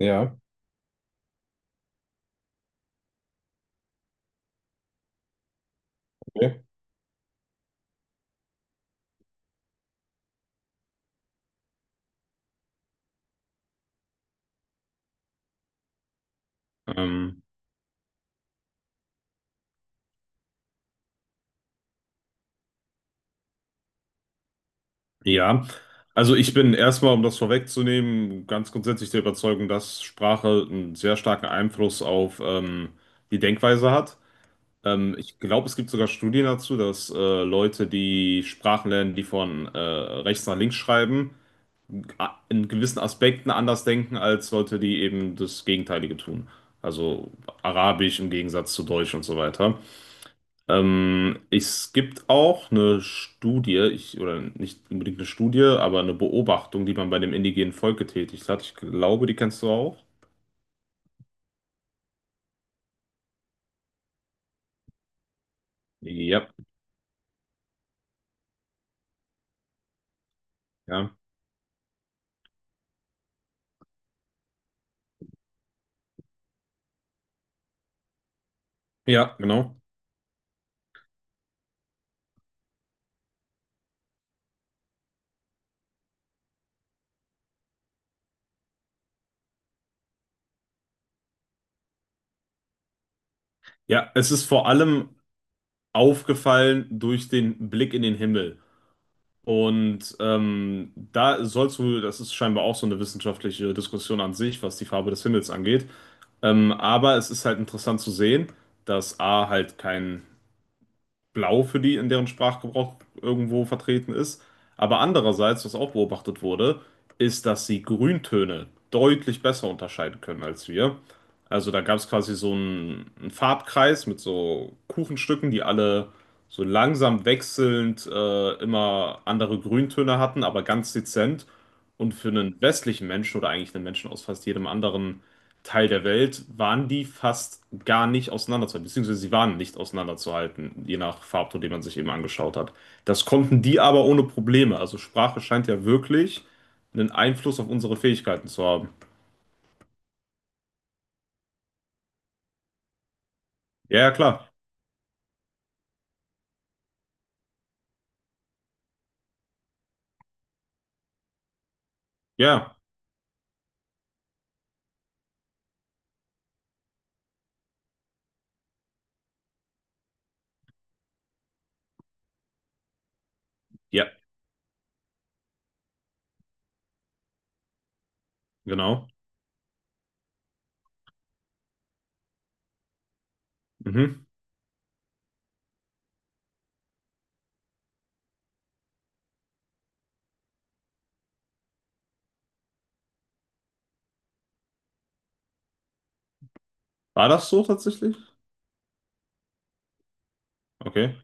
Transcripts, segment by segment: Ja, okay. Ähm, ja, also ich bin erstmal, um das vorwegzunehmen, ganz grundsätzlich der Überzeugung, dass Sprache einen sehr starken Einfluss auf die Denkweise hat. Ich glaube, es gibt sogar Studien dazu, dass Leute, die Sprachen lernen, die von rechts nach links schreiben, in gewissen Aspekten anders denken als Leute, die eben das Gegenteilige tun. Also Arabisch im Gegensatz zu Deutsch und so weiter. Es gibt auch eine Studie, ich, oder nicht unbedingt eine Studie, aber eine Beobachtung, die man bei dem indigenen Volk getätigt hat. Ich glaube, die kennst du auch. Ja, ja, ja, genau. Ja, es ist vor allem aufgefallen durch den Blick in den Himmel. Und da sollst du, das ist scheinbar auch so eine wissenschaftliche Diskussion an sich, was die Farbe des Himmels angeht. Aber es ist halt interessant zu sehen, dass A halt kein Blau für die in deren Sprachgebrauch irgendwo vertreten ist. Aber andererseits, was auch beobachtet wurde, ist, dass sie Grüntöne deutlich besser unterscheiden können als wir. Also da gab es quasi so einen Farbkreis mit so Kuchenstücken, die alle so langsam wechselnd immer andere Grüntöne hatten, aber ganz dezent. Und für einen westlichen Menschen oder eigentlich einen Menschen aus fast jedem anderen Teil der Welt waren die fast gar nicht auseinanderzuhalten, beziehungsweise sie waren nicht auseinanderzuhalten, je nach Farbton, den man sich eben angeschaut hat. Das konnten die aber ohne Probleme. Also Sprache scheint ja wirklich einen Einfluss auf unsere Fähigkeiten zu haben. Ja, ja, klar. Ja, ja, genau. Mhm. War das so tatsächlich? Okay,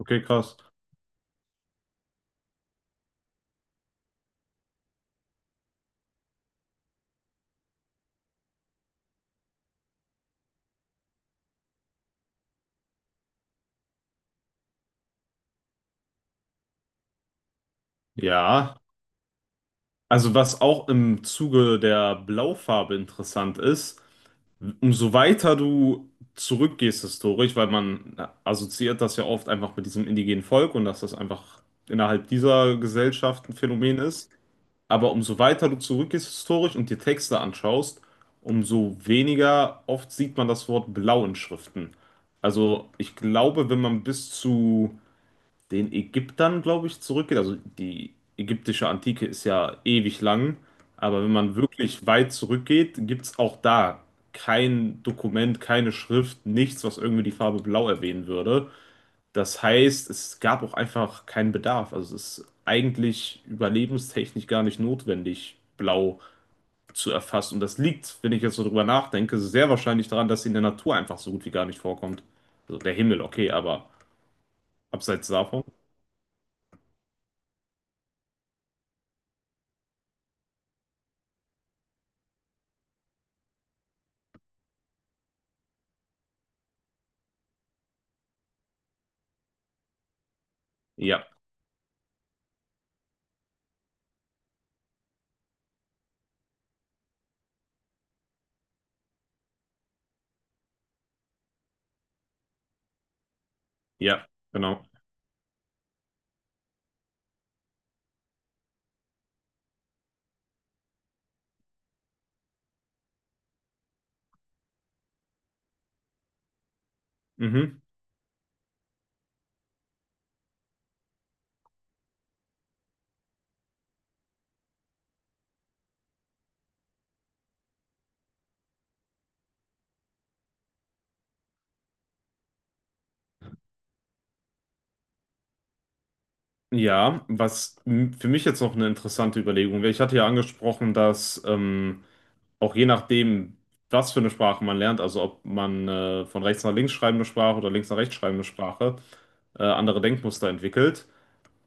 okay, krass. Ja, also was auch im Zuge der Blaufarbe interessant ist, umso weiter du zurückgehst historisch, weil man assoziiert das ja oft einfach mit diesem indigenen Volk und dass das einfach innerhalb dieser Gesellschaft ein Phänomen ist. Aber umso weiter du zurückgehst historisch und dir Texte anschaust, umso weniger oft sieht man das Wort blau in Schriften. Also ich glaube, wenn man bis zu den Ägyptern, glaube ich, zurückgeht. Also die ägyptische Antike ist ja ewig lang, aber wenn man wirklich weit zurückgeht, gibt es auch da kein Dokument, keine Schrift, nichts, was irgendwie die Farbe Blau erwähnen würde. Das heißt, es gab auch einfach keinen Bedarf. Also es ist eigentlich überlebenstechnisch gar nicht notwendig, Blau zu erfassen. Und das liegt, wenn ich jetzt so drüber nachdenke, sehr wahrscheinlich daran, dass sie in der Natur einfach so gut wie gar nicht vorkommt. Also der Himmel, okay, aber abseits davon. Ja. Ja, genau. Mhm. Ja, was für mich jetzt noch eine interessante Überlegung wäre, ich hatte ja angesprochen, dass auch je nachdem, was für eine Sprache man lernt, also ob man von rechts nach links schreibende Sprache oder links nach rechts schreibende Sprache, andere Denkmuster entwickelt.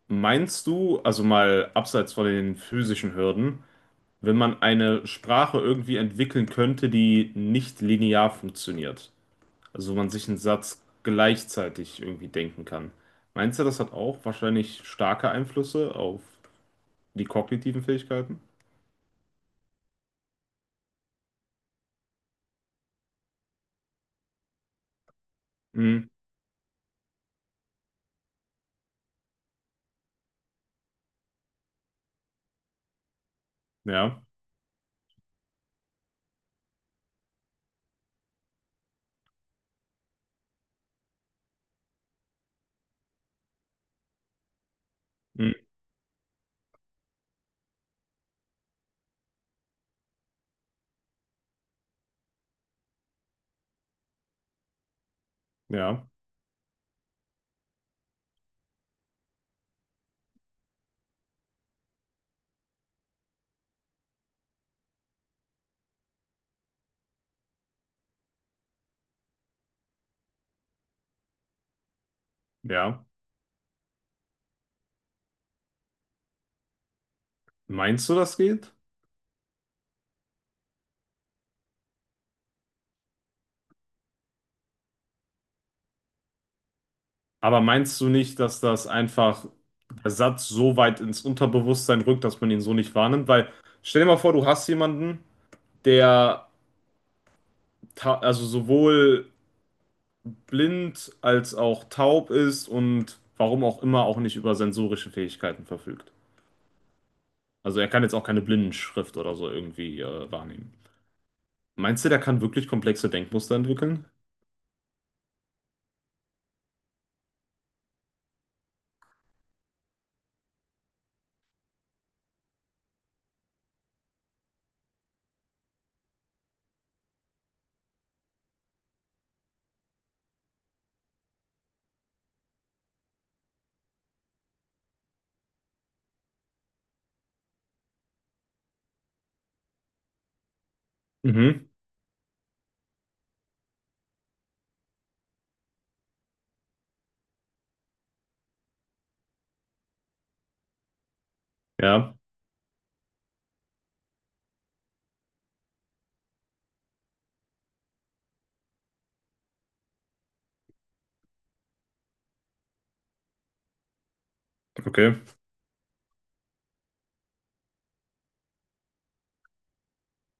Meinst du, also mal abseits von den physischen Hürden, wenn man eine Sprache irgendwie entwickeln könnte, die nicht linear funktioniert? Also wo man sich einen Satz gleichzeitig irgendwie denken kann. Meinst du, das hat auch wahrscheinlich starke Einflüsse auf die kognitiven Fähigkeiten? Hm, ja, hm, ja, ja. Meinst du, das geht? Aber meinst du nicht, dass das einfach der Satz so weit ins Unterbewusstsein rückt, dass man ihn so nicht wahrnimmt? Weil stell dir mal vor, du hast jemanden, der also sowohl blind als auch taub ist und warum auch immer auch nicht über sensorische Fähigkeiten verfügt. Also er kann jetzt auch keine Blindenschrift oder so irgendwie wahrnehmen. Meinst du, der kann wirklich komplexe Denkmuster entwickeln? Mhm. Ja, okay.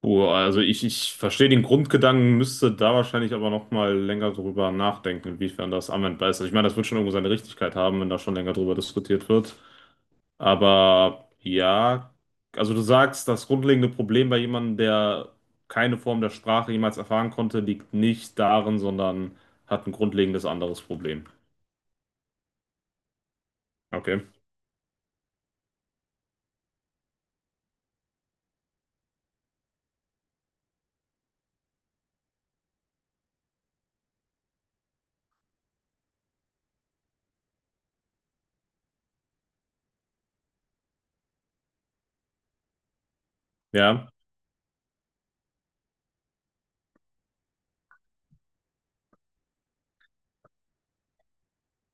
Puh, also ich verstehe den Grundgedanken, müsste da wahrscheinlich aber nochmal länger drüber nachdenken, inwiefern das anwendbar ist. Also ich meine, das wird schon irgendwo seine Richtigkeit haben, wenn da schon länger drüber diskutiert wird. Aber ja, also du sagst, das grundlegende Problem bei jemandem, der keine Form der Sprache jemals erfahren konnte, liegt nicht darin, sondern hat ein grundlegendes anderes Problem. Okay. Ja.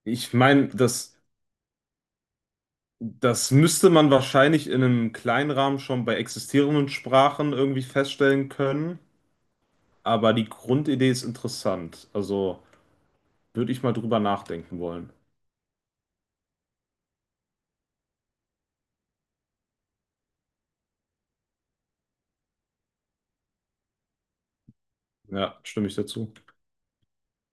Ich meine, das müsste man wahrscheinlich in einem kleinen Rahmen schon bei existierenden Sprachen irgendwie feststellen können, aber die Grundidee ist interessant. Also würde ich mal drüber nachdenken wollen. Ja, stimme ich dazu.